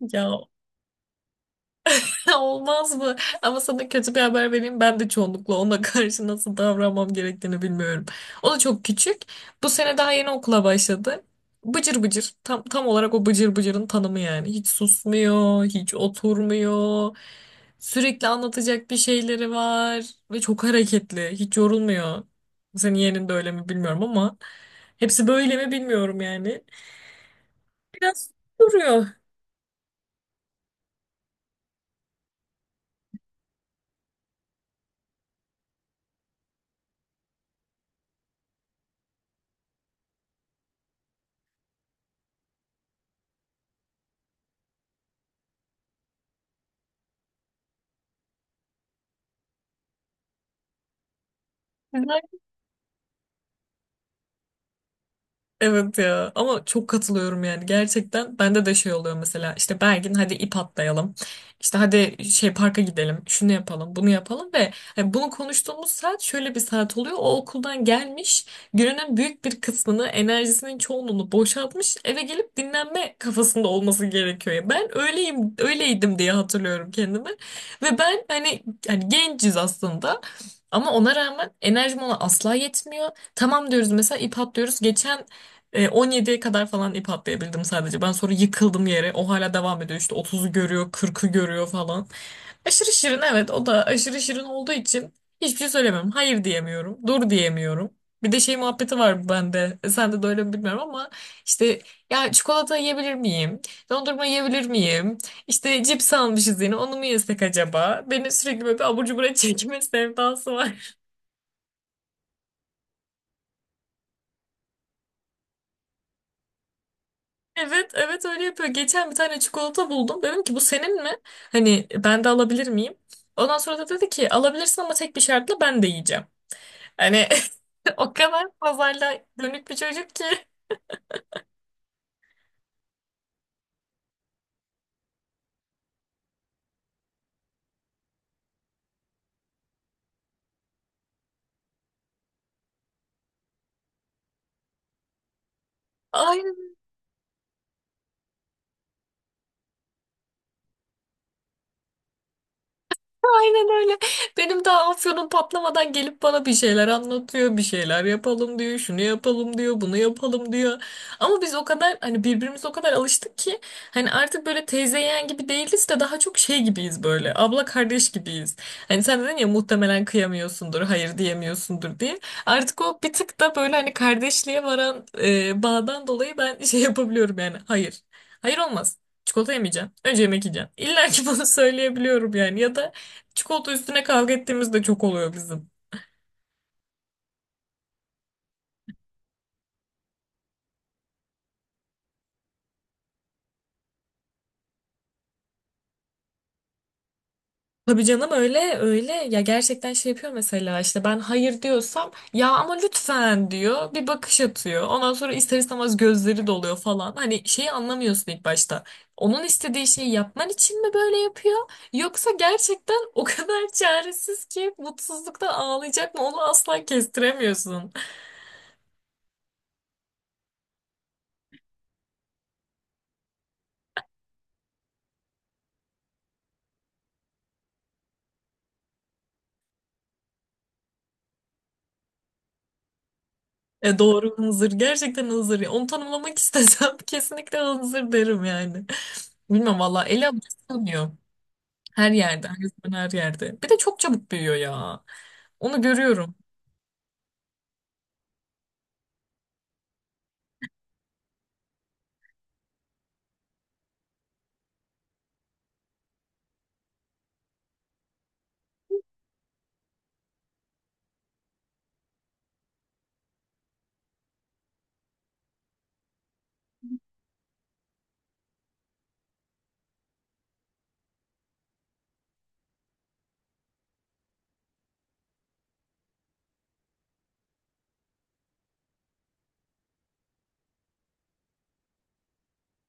Ya olmaz mı? Ama sana kötü bir haber vereyim. Ben de çoğunlukla ona karşı nasıl davranmam gerektiğini bilmiyorum. O da çok küçük. Bu sene daha yeni okula başladı. Bıcır bıcır. Tam olarak o bıcır bıcırın tanımı yani. Hiç susmuyor, hiç oturmuyor. Sürekli anlatacak bir şeyleri var. Ve çok hareketli. Hiç yorulmuyor. Senin yeğenin de öyle mi bilmiyorum ama. Hepsi böyle mi bilmiyorum yani. Biraz duruyor. Evet ya, ama çok katılıyorum yani, gerçekten bende de şey oluyor mesela, işte Bergin hadi ip atlayalım, işte hadi şey parka gidelim, şunu yapalım bunu yapalım. Ve hani bunu konuştuğumuz saat şöyle bir saat oluyor, o okuldan gelmiş, gününün büyük bir kısmını, enerjisinin çoğunluğunu boşaltmış, eve gelip dinlenme kafasında olması gerekiyor. Ya ben öyleyim, öyleydim diye hatırlıyorum kendimi. Ve ben hani genciz aslında, ama ona rağmen enerjim ona asla yetmiyor. Tamam diyoruz mesela, ip atlıyoruz. Geçen 17'ye kadar falan ip atlayabildim sadece. Ben sonra yıkıldım yere. O hala devam ediyor. İşte 30'u görüyor, 40'ı görüyor falan. Aşırı şirin, evet. O da aşırı şirin olduğu için hiçbir şey söylemiyorum. Hayır diyemiyorum. Dur diyemiyorum. Bir de şey muhabbeti var bende. Sende de öyle mi bilmiyorum ama işte, ya çikolata yiyebilir miyim? Dondurma yiyebilir miyim? İşte cips almışız yine. Onu mu yesek acaba? Beni sürekli böyle bir abur cubura çekme sevdası var. Evet, evet öyle yapıyor. Geçen bir tane çikolata buldum. Dedim ki bu senin mi? Hani ben de alabilir miyim? Ondan sonra da dedi ki alabilirsin ama tek bir şartla, ben de yiyeceğim. Hani o kadar pazarla dönük bir çocuk ki. Aynen öyle. Benim daha afyonum patlamadan gelip bana bir şeyler anlatıyor, bir şeyler yapalım diyor, şunu yapalım diyor, bunu yapalım diyor. Ama biz o kadar, hani birbirimize o kadar alıştık ki hani artık böyle teyze yeğen gibi değiliz de daha çok şey gibiyiz, böyle abla kardeş gibiyiz. Hani sen dedin ya muhtemelen kıyamıyorsundur, hayır diyemiyorsundur diye. Artık o bir tık da böyle hani kardeşliğe varan bağdan dolayı ben şey yapabiliyorum yani. Hayır. Hayır olmaz. Çikolata yemeyeceğim. Önce yemek yiyeceğim. İlla ki bunu söyleyebiliyorum yani. Ya da çikolata üstüne kavga ettiğimiz de çok oluyor bizim. Tabii canım, öyle öyle ya, gerçekten şey yapıyor mesela, işte ben hayır diyorsam, ya ama lütfen diyor, bir bakış atıyor. Ondan sonra ister istemez gözleri doluyor falan. Hani şeyi anlamıyorsun ilk başta, onun istediği şeyi yapman için mi böyle yapıyor, yoksa gerçekten o kadar çaresiz ki mutsuzluktan ağlayacak mı, onu asla kestiremiyorsun. E doğru, hınzır, gerçekten hınzır. Onu tanımlamak istesem kesinlikle hınzır derim yani. Bilmem valla, ele alışılmıyor. Her yerde, her zaman, her yerde. Bir de çok çabuk büyüyor ya. Onu görüyorum.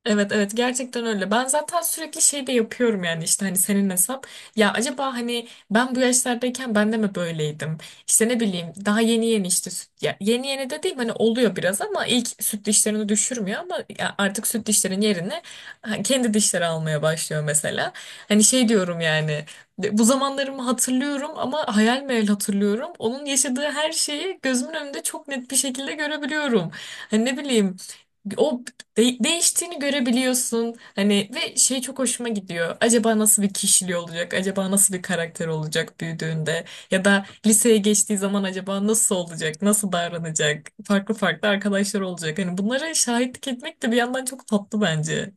Evet, evet, gerçekten öyle. Ben zaten sürekli şey de yapıyorum yani, işte hani senin hesap. Ya acaba hani ben bu yaşlardayken ben de mi böyleydim? İşte ne bileyim, daha yeni yeni işte süt, ya yeni yeni de değil hani, oluyor biraz ama ilk süt dişlerini düşürmüyor ama ya, artık süt dişlerin yerine ha, kendi dişleri almaya başlıyor mesela. Hani şey diyorum yani, bu zamanlarımı hatırlıyorum ama hayal meyal hatırlıyorum. Onun yaşadığı her şeyi gözümün önünde çok net bir şekilde görebiliyorum. Hani ne bileyim, o değiştiğini görebiliyorsun. Hani ve şey çok hoşuma gidiyor. Acaba nasıl bir kişiliği olacak? Acaba nasıl bir karakter olacak büyüdüğünde? Ya da liseye geçtiği zaman acaba nasıl olacak? Nasıl davranacak? Farklı farklı arkadaşlar olacak. Hani bunlara şahitlik etmek de bir yandan çok tatlı bence.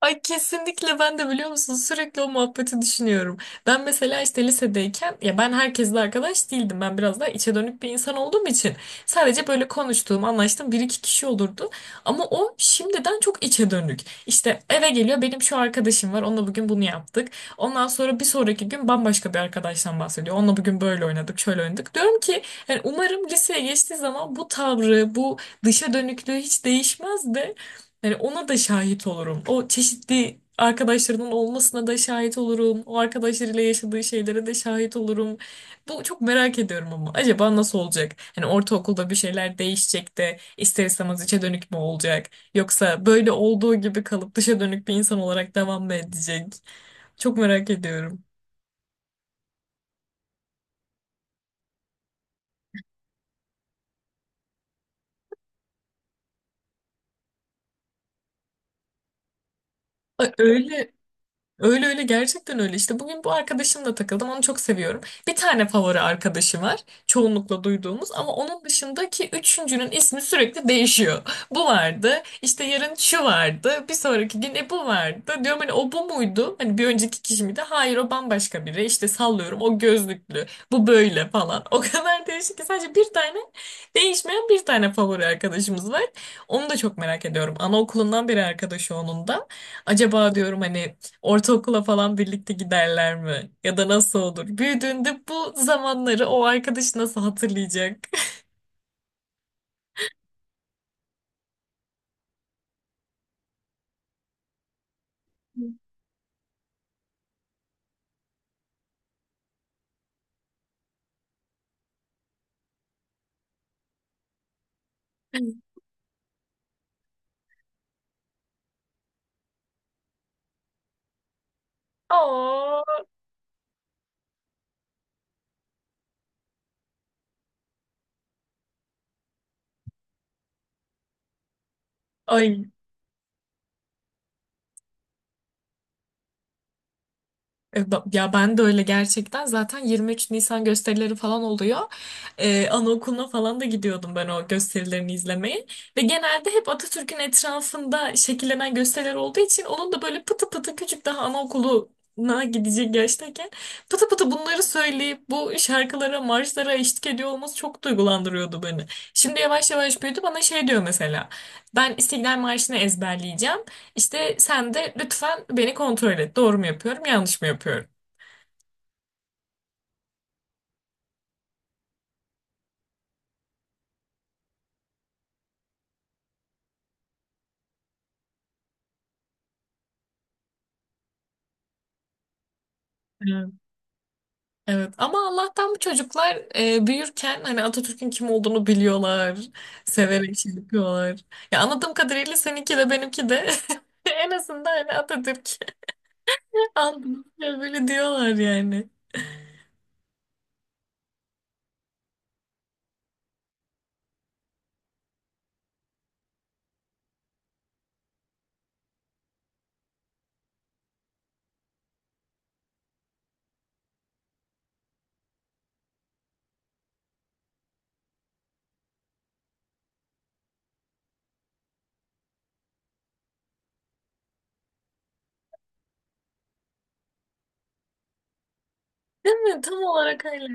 Ay kesinlikle, ben de biliyor musun sürekli o muhabbeti düşünüyorum. Ben mesela işte lisedeyken, ya ben herkesle arkadaş değildim. Ben biraz daha içe dönük bir insan olduğum için sadece böyle konuştuğum, anlaştığım bir iki kişi olurdu. Ama o şimdiden çok içe dönük. İşte eve geliyor, benim şu arkadaşım var, onunla bugün bunu yaptık. Ondan sonra bir sonraki gün bambaşka bir arkadaştan bahsediyor. Onunla bugün böyle oynadık, şöyle oynadık. Diyorum ki yani umarım liseye geçtiği zaman bu tavrı, bu dışa dönüklüğü hiç değişmez de yani ona da şahit olurum. O çeşitli arkadaşlarının olmasına da şahit olurum. O arkadaşlarıyla yaşadığı şeylere de şahit olurum. Bu çok merak ediyorum, ama acaba nasıl olacak? Hani ortaokulda bir şeyler değişecek de ister istemez içe dönük mü olacak? Yoksa böyle olduğu gibi kalıp dışa dönük bir insan olarak devam mı edecek? Çok merak ediyorum. Ö- Öyle Öyle öyle gerçekten öyle. İşte bugün bu arkadaşımla takıldım. Onu çok seviyorum. Bir tane favori arkadaşı var. Çoğunlukla duyduğumuz, ama onun dışındaki üçüncünün ismi sürekli değişiyor. Bu vardı. İşte yarın şu vardı. Bir sonraki gün bu vardı. Diyorum hani o bu muydu? Hani bir önceki kişi miydi? Hayır, o bambaşka biri. İşte sallıyorum, o gözlüklü. Bu böyle falan. O kadar değişik ki, sadece bir tane değişmeyen, bir tane favori arkadaşımız var. Onu da çok merak ediyorum. Anaokulundan beri arkadaşı onun da. Acaba diyorum hani ortaokula falan birlikte giderler mi? Ya da nasıl olur? Büyüdüğünde bu zamanları o arkadaş nasıl hatırlayacak? Oo. Ay ya ben de öyle gerçekten. Zaten 23 Nisan gösterileri falan oluyor. Anaokuluna falan da gidiyordum ben o gösterilerini izlemeye. Ve genelde hep Atatürk'ün etrafında şekillenen gösteriler olduğu için, onun da böyle pıtı pıtı küçük, daha anaokuluna gidecek yaştayken pıtı pıtı bunları söyleyip bu şarkılara, marşlara eşlik ediyor olması çok duygulandırıyordu beni. Şimdi yavaş yavaş büyüdü, bana şey diyor mesela. Ben İstiklal Marşı'nı ezberleyeceğim. İşte sen de lütfen beni kontrol et. Doğru mu yapıyorum, yanlış mı yapıyorum? Evet. Evet. Ama Allah'tan bu çocuklar büyürken hani Atatürk'ün kim olduğunu biliyorlar. Severek şey yapıyorlar. Ya anladığım kadarıyla seninki de benimki de en azından hani Atatürk anladım, böyle diyorlar yani. Değil mi? Tam olarak öyle.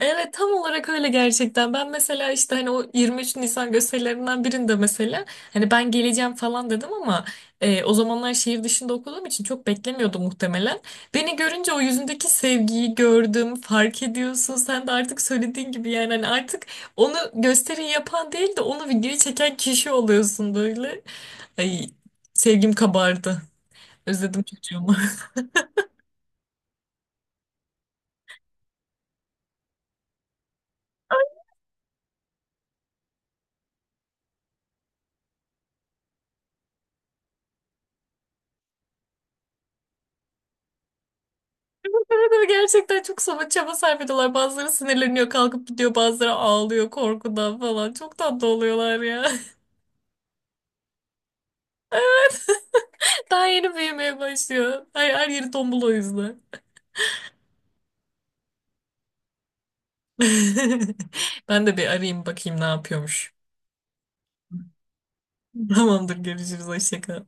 Evet, tam olarak öyle gerçekten. Ben mesela işte hani o 23 Nisan gösterilerinden birinde mesela hani ben geleceğim falan dedim ama o zamanlar şehir dışında okuduğum için çok beklemiyordum muhtemelen. Beni görünce o yüzündeki sevgiyi gördüm, fark ediyorsun. Sen de artık söylediğin gibi yani, hani artık onu gösteri yapan değil de onu videoyu çeken kişi oluyorsun böyle. Ay sevgim kabardı. Özledim çocuğumu. Evet, evet, gerçekten çok çaba sarf ediyorlar. Bazıları sinirleniyor, kalkıp gidiyor. Bazıları ağlıyor korkudan falan. Çok tatlı oluyorlar ya. Daha yeni büyümeye başlıyor. Her yeri tombul o yüzden. Ben de bir arayayım, bakayım ne yapıyormuş. Tamamdır, görüşürüz. Hoşça kal.